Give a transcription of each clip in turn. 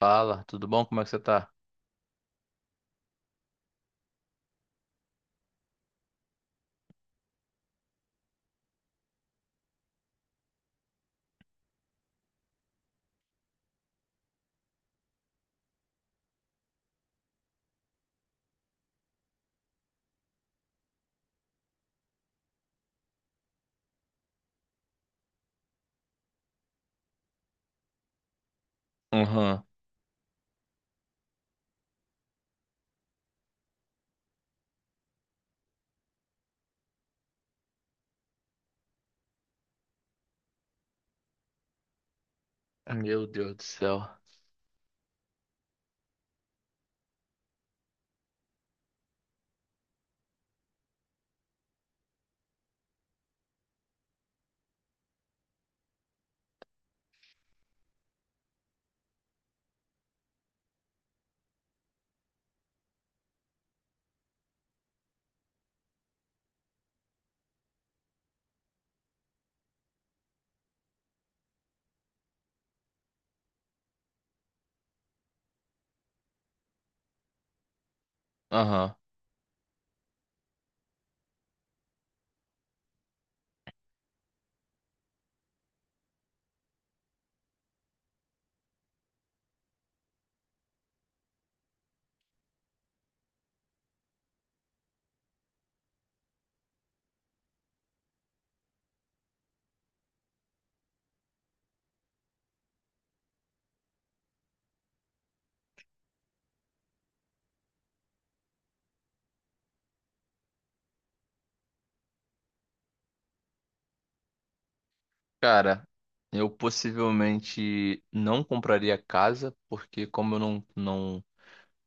Fala, tudo bom? Como é que você tá? Aham. Meu Deus do céu. Aham. Cara, eu possivelmente não compraria casa, porque como eu não, não,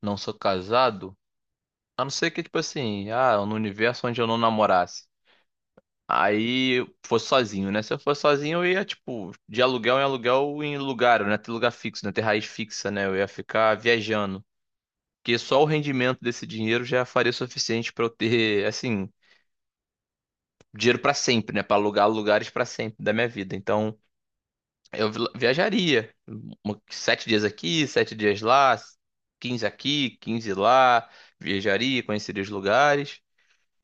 não sou casado, a não ser que, tipo assim, ah, no universo onde eu não namorasse. Aí eu fosse sozinho, né? Se eu fosse sozinho, eu ia, tipo, de aluguel em lugar, né? Ter lugar fixo, né? Ter raiz fixa, né? Eu ia ficar viajando. Porque só o rendimento desse dinheiro já faria o suficiente pra eu ter, assim. Dinheiro pra sempre, né? Pra alugar lugares pra sempre da minha vida. Então, eu viajaria. 7 dias aqui, 7 dias lá, 15 aqui, 15 lá. Viajaria, conheceria os lugares.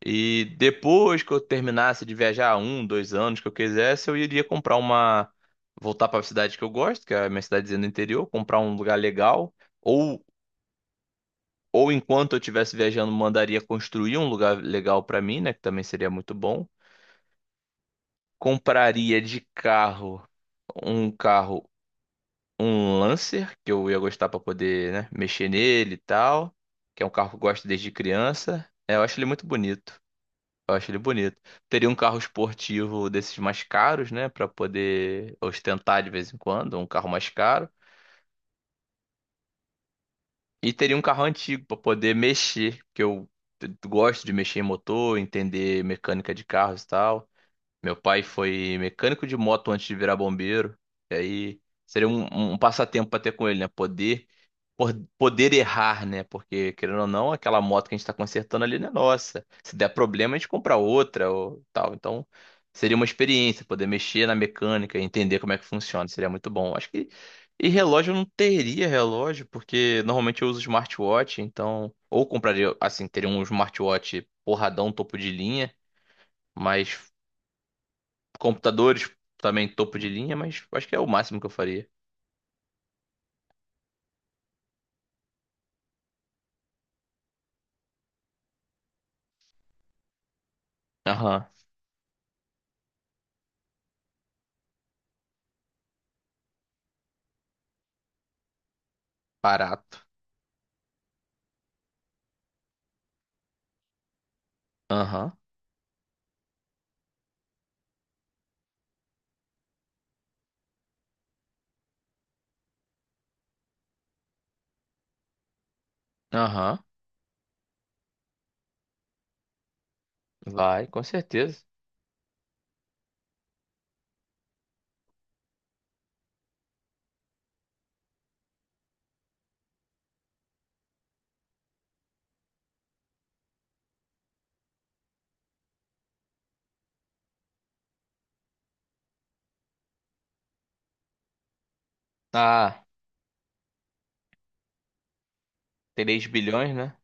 E depois que eu terminasse de viajar um, dois anos que eu quisesse, eu iria comprar uma. Voltar pra cidade que eu gosto, que é a minha cidadezinha do interior, comprar um lugar legal. Ou, ou enquanto eu estivesse viajando, mandaria construir um lugar legal pra mim, né? Que também seria muito bom. Compraria de carro, um Lancer, que eu ia gostar pra poder, né, mexer nele e tal, que é um carro que eu gosto desde criança. É, eu acho ele muito bonito. Eu acho ele bonito. Teria um carro esportivo desses mais caros, né, pra poder ostentar de vez em quando, um carro mais caro. E teria um carro antigo pra poder mexer, que eu gosto de mexer em motor, entender mecânica de carros e tal. Meu pai foi mecânico de moto antes de virar bombeiro. E aí seria um passatempo para ter com ele, né? Poder errar, né? Porque, querendo ou não, aquela moto que a gente está consertando ali não é nossa. Se der problema, a gente compra outra ou tal. Então, seria uma experiência, poder mexer na mecânica, entender como é que funciona. Seria muito bom. Acho que. E relógio eu não teria relógio, porque normalmente eu uso smartwatch, então. Ou compraria, assim, teria um smartwatch porradão, topo de linha. Mas computadores também topo de linha, mas acho que é o máximo que eu faria. Aham. Barato. Aham. Aham. Vai, com certeza. Ah, 3 bilhões, né?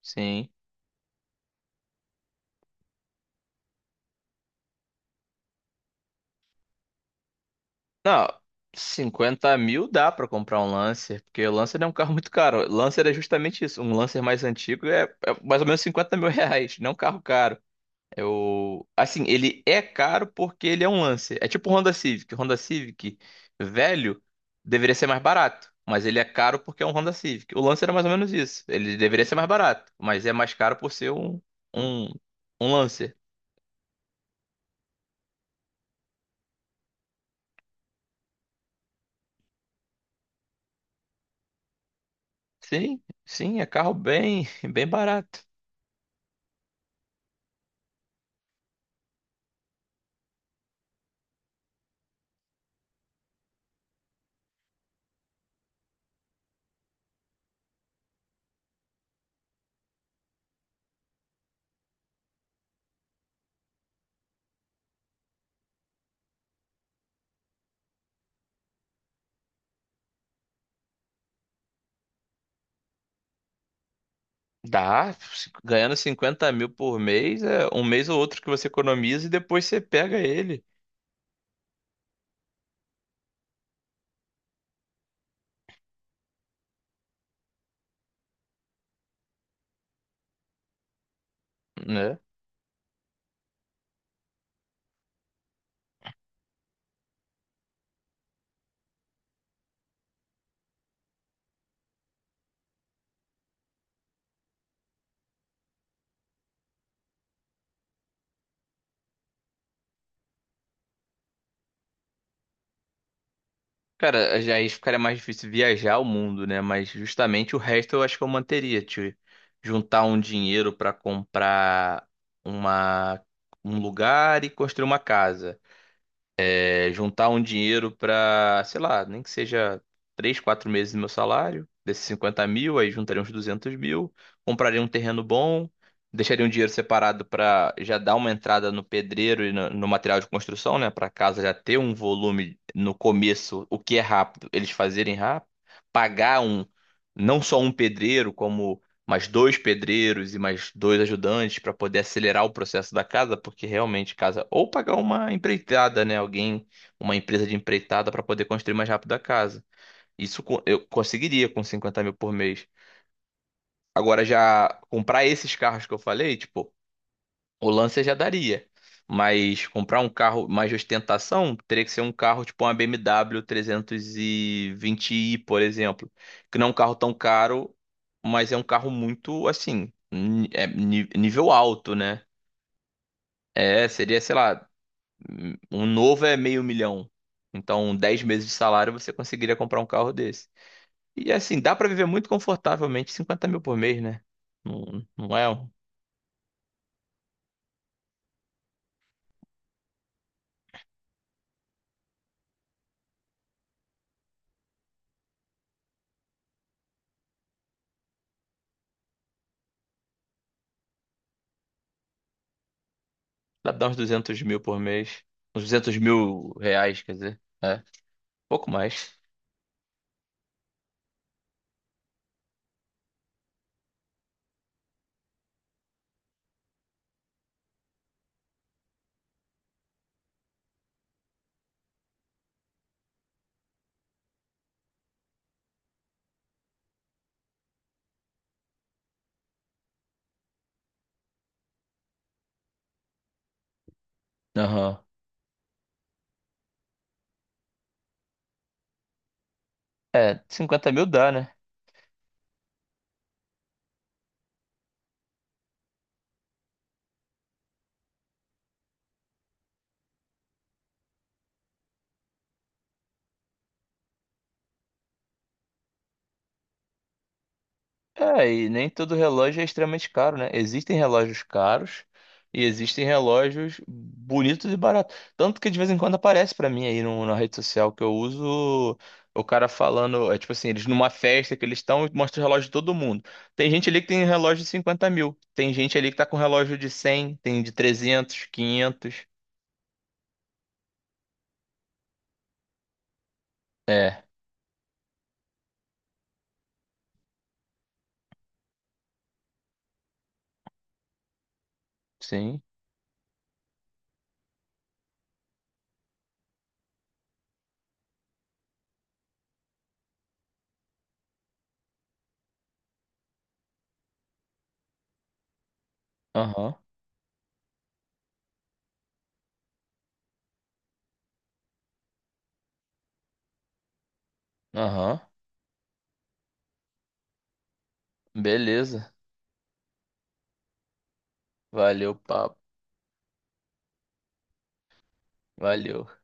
Sim. Não, 50 mil dá pra comprar um Lancer, porque o Lancer é um carro muito caro. Lancer é justamente isso. Um Lancer mais antigo é mais ou menos 50 mil reais, não é um carro caro. Eu, assim, ele é caro porque ele é um Lancer. É tipo o Honda Civic. O Honda Civic velho deveria ser mais barato, mas ele é caro porque é um Honda Civic. O Lancer era mais ou menos isso. Ele deveria ser mais barato, mas é mais caro por ser um, um Lancer. Sim, sim, é carro bem, bem barato. Dá, ganhando 50 mil por mês, é um mês ou outro que você economiza e depois você pega ele, né? Cara, aí ficaria mais difícil viajar o mundo, né? Mas justamente o resto eu acho que eu manteria, tipo, juntar um dinheiro pra comprar uma um lugar e construir uma casa. É, juntar um dinheiro para sei lá, nem que seja 3 4 meses do meu salário, desses 50 mil, aí juntaria uns 200 mil, compraria um terreno bom, deixaria um dinheiro separado para já dar uma entrada no pedreiro e no material de construção, né? Para casa já ter um volume no começo, o que é rápido, eles fazerem rápido, pagar um, não só um pedreiro, como mais dois pedreiros e mais dois ajudantes para poder acelerar o processo da casa, porque realmente casa ou pagar uma empreitada, né, alguém, uma empresa de empreitada para poder construir mais rápido a casa. Isso, eu conseguiria com 50 mil por mês. Agora, já comprar esses carros que eu falei, tipo, o Lancer já daria. Mas comprar um carro mais de ostentação teria que ser um carro tipo uma BMW 320i, por exemplo. Que não é um carro tão caro, mas é um carro muito, assim, é nível alto, né? É, seria, sei lá, um novo é meio milhão. Então, 10 meses de salário você conseguiria comprar um carro desse. E assim, dá pra viver muito confortavelmente, 50 mil por mês, né? Não, não é? Dá pra dar uns 200 mil por mês. Uns 200 mil reais, quer dizer. É, pouco mais. Aham. É, 50 mil dá, né? É, e nem todo relógio é extremamente caro, né? Existem relógios caros e existem relógios bonitos e baratos. Tanto que de vez em quando aparece pra mim aí no, na rede social que eu uso, o cara falando, é tipo assim, eles numa festa que eles estão e mostra o relógio de todo mundo. Tem gente ali que tem relógio de 50 mil, tem gente ali que tá com relógio de 100, tem de 300, 500. É, sim, aham, aham, beleza. Valeu, papo, valeu.